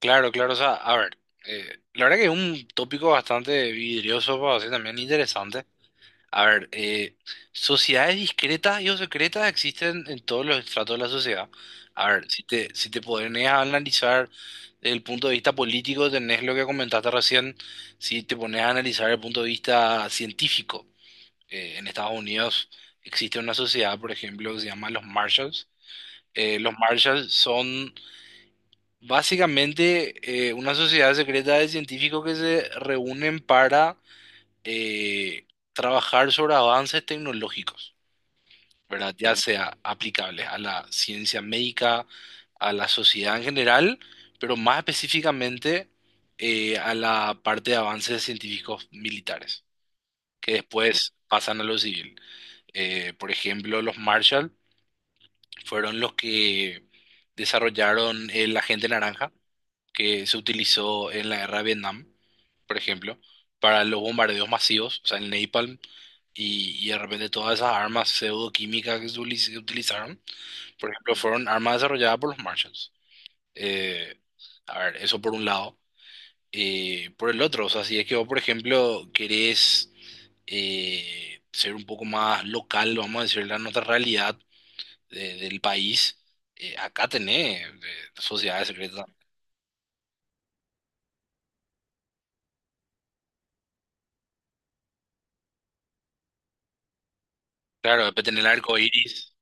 Claro, claro, o sea, a ver, la verdad que es un tópico bastante vidrioso, para decir también interesante. A ver, sociedades discretas y o secretas existen en todos los estratos de la sociedad. A ver, si te pones a analizar desde el punto de vista político, tenés lo que comentaste recién. Si te pones a analizar el punto de vista científico, en Estados Unidos existe una sociedad, por ejemplo, que se llama los Marshalls. Los Marshalls son básicamente, una sociedad secreta de científicos que se reúnen para eh, trabajar sobre avances tecnológicos, ¿verdad? Ya sea aplicables a la ciencia médica, a la sociedad en general, pero más específicamente a la parte de avances científicos militares, que después pasan a lo civil. Por ejemplo, los Marshall fueron los que desarrollaron el agente naranja que se utilizó en la guerra de Vietnam, por ejemplo, para los bombardeos masivos, o sea, el napalm y de repente todas esas armas pseudoquímicas que se utilizaron, por ejemplo, fueron armas desarrolladas por los Marshalls. Eh, eso por un lado. Por el otro, o sea, si es que vos, por ejemplo, querés ser un poco más local, vamos a decir, la nuestra realidad del país, acá tenés sociedades secretas. Claro, después tenés el arco iris.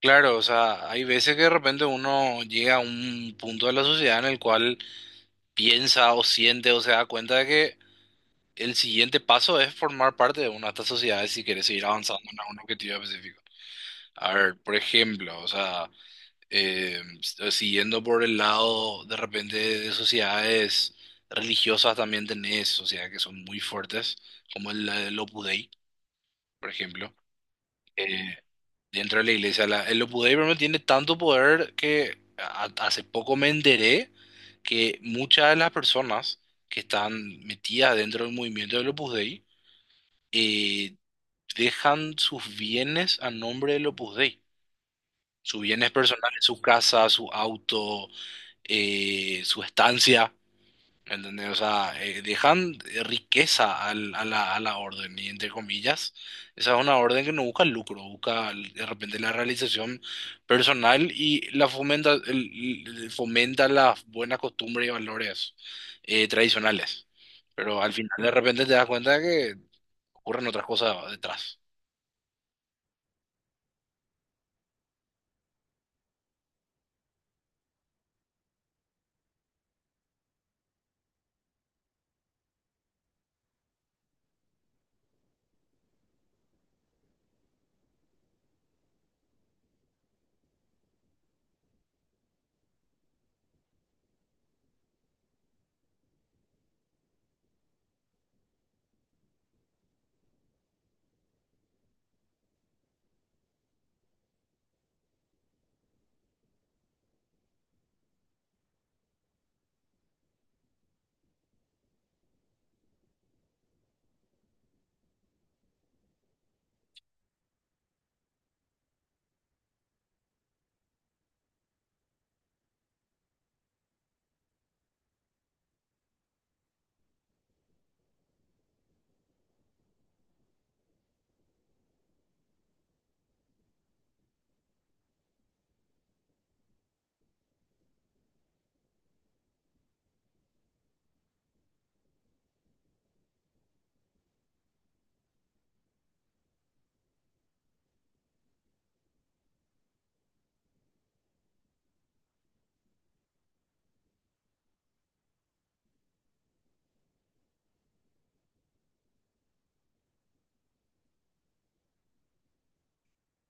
Claro, o sea, hay veces que de repente uno llega a un punto de la sociedad en el cual piensa o siente o se da cuenta de que el siguiente paso es formar parte de una de estas sociedades si quieres seguir avanzando en algún objetivo específico. A ver, por ejemplo, o sea, siguiendo por el lado de repente de sociedades religiosas también tenés sociedades que son muy fuertes, como el Opus Dei, por ejemplo. Eh, dentro de la iglesia. El Opus Dei, por ejemplo, tiene tanto poder que hace poco me enteré que muchas de las personas que están metidas dentro del movimiento del Opus Dei eh, dejan sus bienes a nombre del Opus Dei. Sus bienes personales, su casa, su auto, su estancia. ¿Entendés? O sea, dejan riqueza a a la orden, y entre comillas, esa es una orden que no busca lucro, busca de repente la realización personal y la fomenta, fomenta las buenas costumbres y valores tradicionales. Pero al final de repente te das cuenta de que ocurren otras cosas detrás.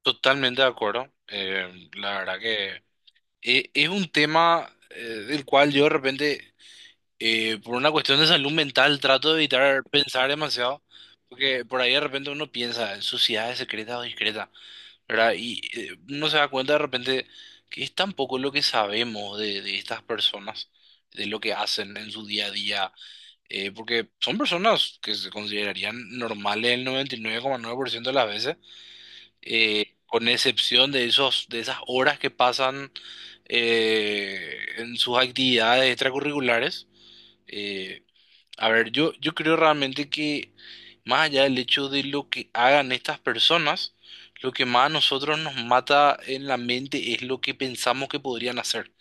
Totalmente de acuerdo. La verdad que es un tema del cual yo de repente, por una cuestión de salud mental, trato de evitar pensar demasiado, porque por ahí de repente uno piensa en sociedades secretas o discretas, ¿verdad? Uno se da cuenta de repente que es tan poco lo que sabemos de estas personas, de lo que hacen en su día a día, porque son personas que se considerarían normales el 99,9% de las veces, con excepción de esas horas que pasan en sus actividades extracurriculares. eh, yo creo realmente que más allá del hecho de lo que hagan estas personas, lo que más a nosotros nos mata en la mente es lo que pensamos que podrían hacer,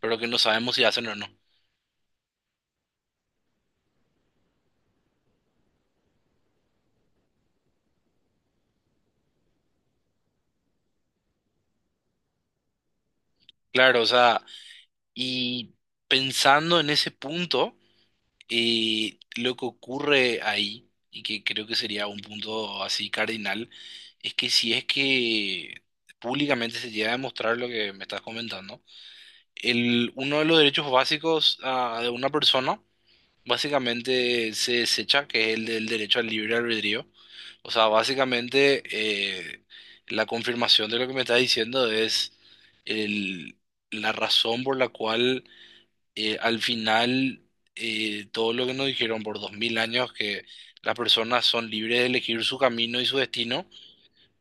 pero que no sabemos si hacen o no. Claro, o sea, y pensando en ese punto, lo que ocurre ahí, y que creo que sería un punto así cardinal, es que si es que públicamente se llega a demostrar lo que me estás comentando, uno de los derechos básicos de una persona básicamente se desecha, que es el del derecho al libre albedrío. O sea, básicamente la confirmación de lo que me estás diciendo es el, la razón por la cual al final todo lo que nos dijeron por dos mil años que las personas son libres de elegir su camino y su destino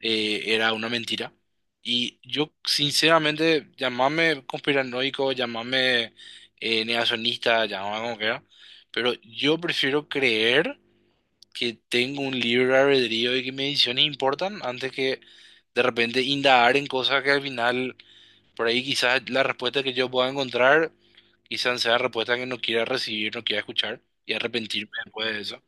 era una mentira. Y yo, sinceramente, llamame conspiranoico, llamame negacionista, llamame como quiera, pero yo prefiero creer que tengo un libre albedrío y que mis decisiones importan antes que de repente indagar en cosas que al final, por ahí quizás la respuesta que yo pueda encontrar, quizás sea la respuesta que no quiera recibir, no quiera escuchar y arrepentirme después de eso.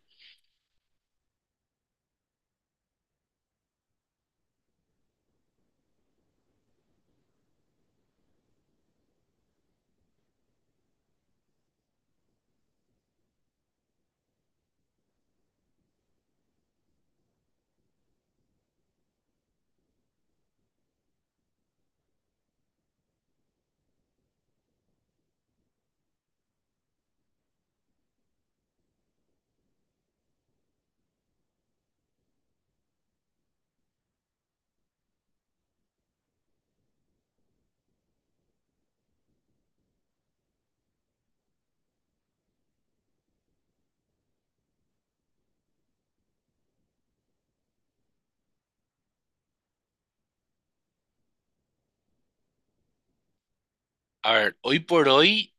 A ver, hoy por hoy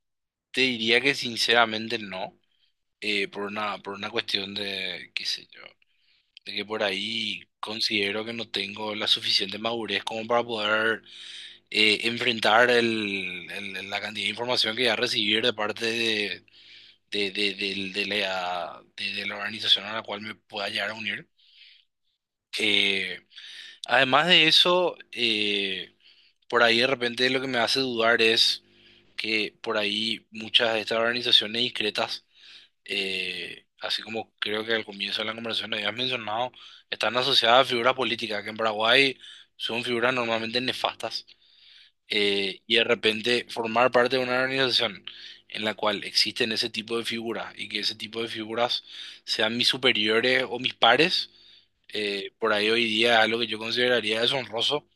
te diría que sinceramente no. Por una cuestión de, qué sé yo, de que por ahí considero que no tengo la suficiente madurez como para poder enfrentar la cantidad de información que voy a recibir de parte de, del- de la organización a la cual me pueda llegar a unir. Eh, además de eso, por ahí de repente lo que me hace dudar es que por ahí muchas de estas organizaciones discretas así como creo que al comienzo de la conversación habías mencionado, están asociadas a figuras políticas, que en Paraguay son figuras normalmente nefastas, y de repente formar parte de una organización en la cual existen ese tipo de figuras y que ese tipo de figuras sean mis superiores o mis pares, por ahí hoy día es algo que yo consideraría deshonroso,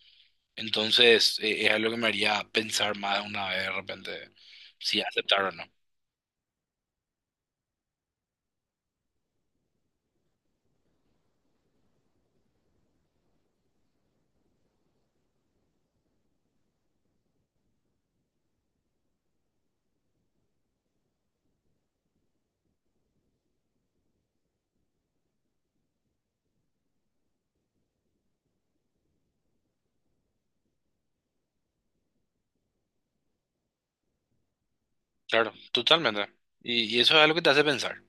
entonces es algo que me haría pensar más de una vez de repente si aceptar o no. Claro, totalmente. Y eso es algo que te hace pensar.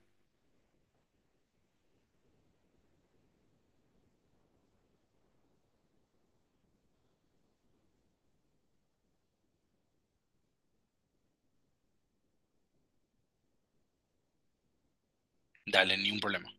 Dale, ni un problema.